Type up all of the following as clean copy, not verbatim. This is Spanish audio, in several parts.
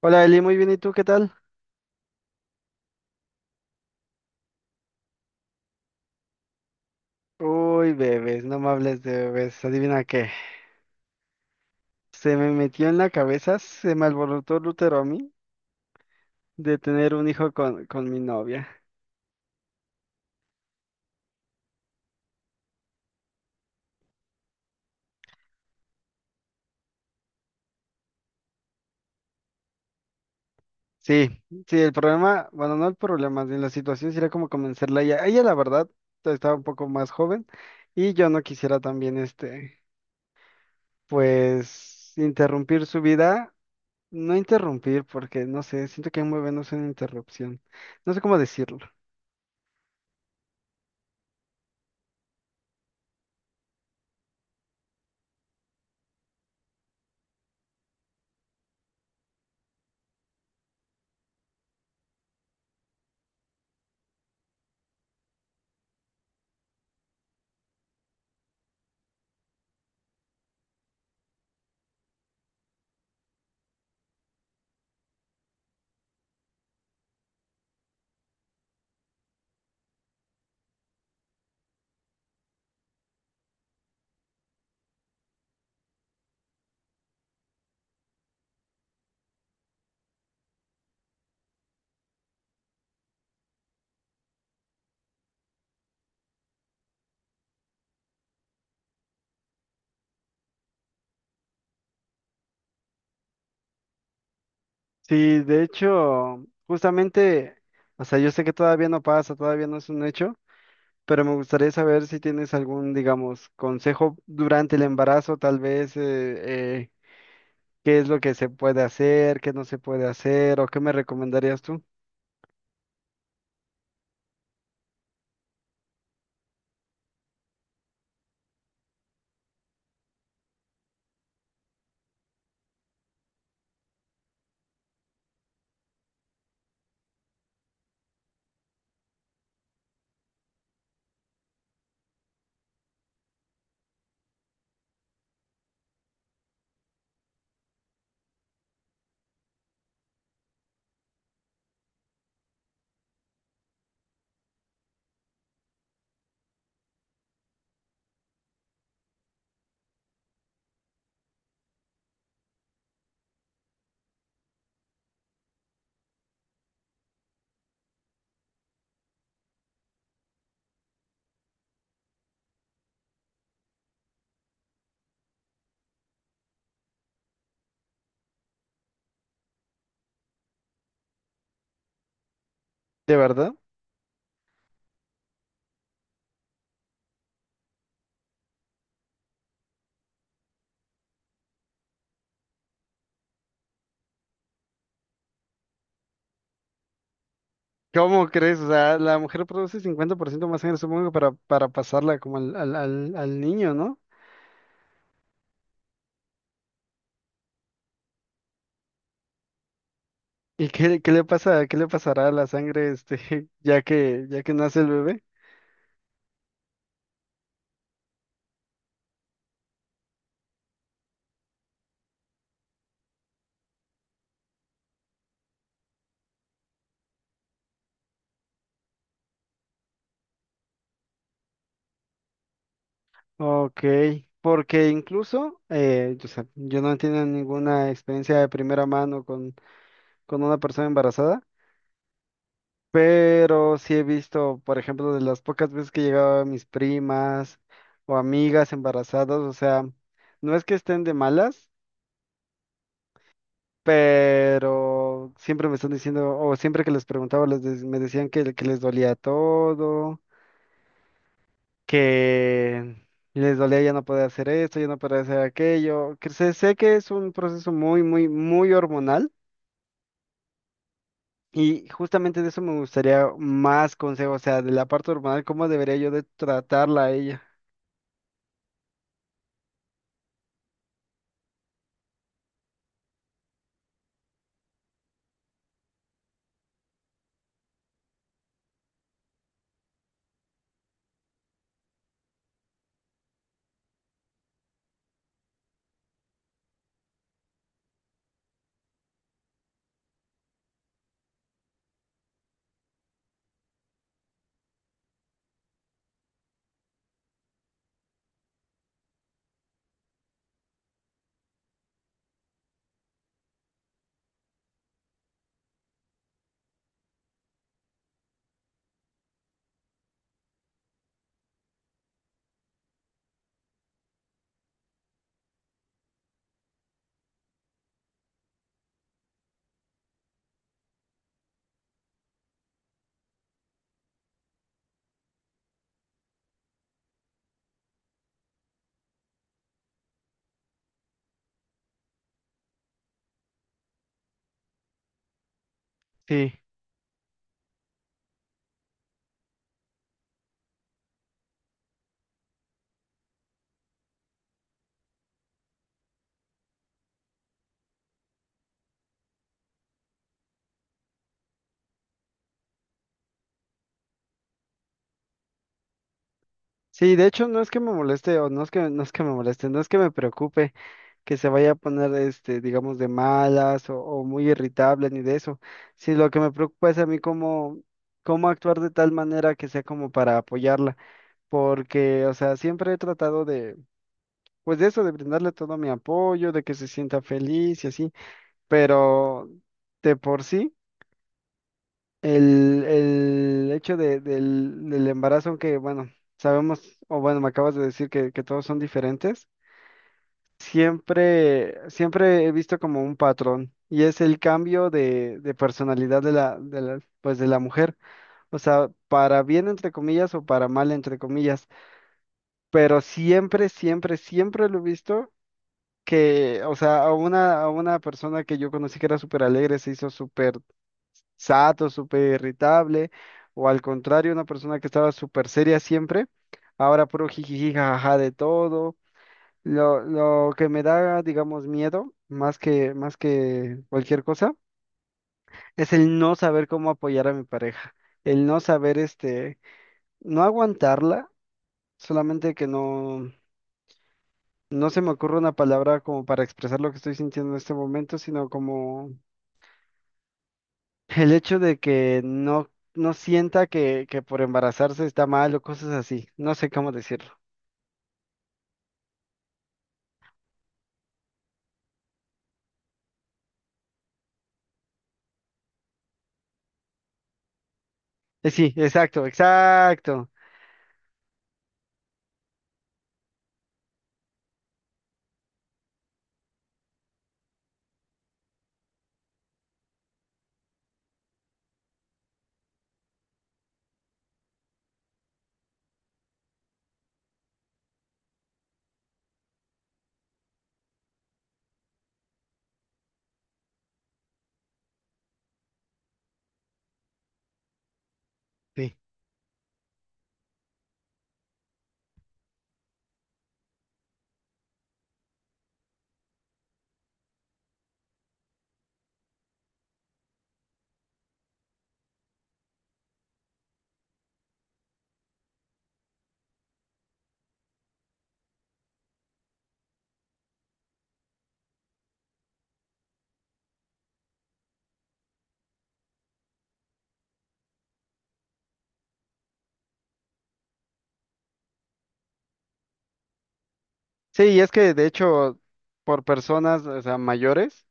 Hola Eli, muy bien, ¿y tú qué tal? Uy, bebés, no me hables de bebés, adivina qué. Se me metió en la cabeza, se me alborotó el útero a mí de tener un hijo con mi novia. Sí, sí, el problema, bueno, no el problema, de la situación sería como convencerla a ella. Ella, la verdad, estaba un poco más joven y yo no quisiera también, pues, interrumpir su vida. No interrumpir, porque no sé, siento que un bebé no es una interrupción. No sé cómo decirlo. Sí, de hecho, justamente, o sea, yo sé que todavía no pasa, todavía no es un hecho, pero me gustaría saber si tienes algún, digamos, consejo durante el embarazo, tal vez, qué es lo que se puede hacer, qué no se puede hacer, o qué me recomendarías tú. ¿De verdad? ¿Cómo crees? O sea, la mujer produce 50% más sangre, supongo, para pasarla como al niño, ¿no? ¿Y qué le pasa, qué le pasará a la sangre, este, ya que nace el bebé? Ok, porque incluso yo, sé, yo no he tenido ninguna experiencia de primera mano con una persona embarazada, pero sí he visto, por ejemplo, de las pocas veces que llegaba mis primas o amigas embarazadas, o sea, no es que estén de malas, pero siempre me están diciendo, o siempre que les preguntaba, me decían que les dolía todo, que les dolía ya no poder hacer esto, ya no poder hacer aquello. Que sé, sé que es un proceso muy, muy, muy hormonal, y justamente de eso me gustaría más consejos, o sea, de la parte hormonal, cómo debería yo de tratarla a ella. Sí. Sí, de hecho no es que me moleste o no es que me moleste, no es que me preocupe que se vaya a poner este, digamos, de malas o muy irritable ni de eso. Sí, lo que me preocupa es a mí cómo, cómo actuar de tal manera que sea como para apoyarla. Porque, o sea, siempre he tratado de, pues de eso, de brindarle todo mi apoyo, de que se sienta feliz y así, pero de por sí, el hecho del embarazo, aunque, bueno, sabemos, o bueno, me acabas de decir que todos son diferentes, siempre, siempre he visto como un patrón. Y es el cambio de personalidad pues de la mujer. O sea, para bien entre comillas o para mal entre comillas, pero siempre, siempre, siempre lo he visto que, o sea, a una persona que yo conocí que era súper alegre se hizo súper sato, súper irritable, o al contrario, una persona que estaba súper seria siempre, ahora puro jijiji, jajaja de todo. Lo que me da, digamos, miedo, más que cualquier cosa, es el no saber cómo apoyar a mi pareja, el no saber, no aguantarla, solamente que no, no se me ocurre una palabra como para expresar lo que estoy sintiendo en este momento, sino como el hecho de que no sienta que por embarazarse está mal o cosas así. No sé cómo decirlo. Sí, exacto, exacto. Sí. Sí, y es que de hecho, por personas, o sea, mayores,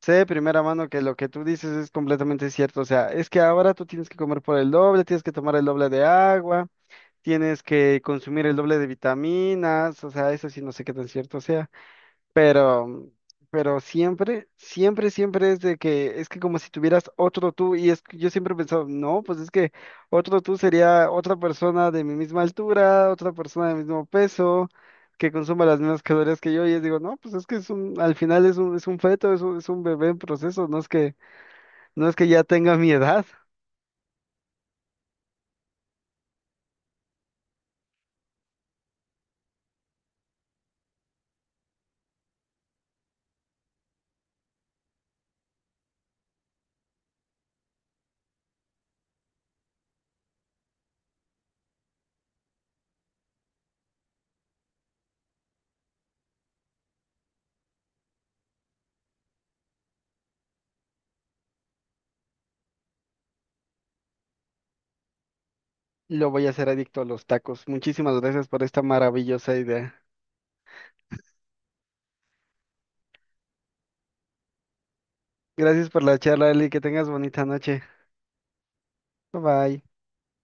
sé de primera mano que lo que tú dices es completamente cierto. O sea, es que ahora tú tienes que comer por el doble, tienes que tomar el doble de agua, tienes que consumir el doble de vitaminas. O sea, eso sí, no sé qué tan cierto sea. Pero, pero siempre, siempre, siempre es de que es que como si tuvieras otro tú, y es que yo siempre he pensado, no, pues es que otro tú sería otra persona de mi misma altura, otra persona de mismo peso, que consuma las mismas calorías que yo, y es digo, no, pues es que al final es un feto, es un bebé en proceso, no es que, no es que ya tenga mi edad. Lo voy a hacer adicto a los tacos. Muchísimas gracias por esta maravillosa idea. Gracias por la charla, Eli, que tengas bonita noche. Bye bye.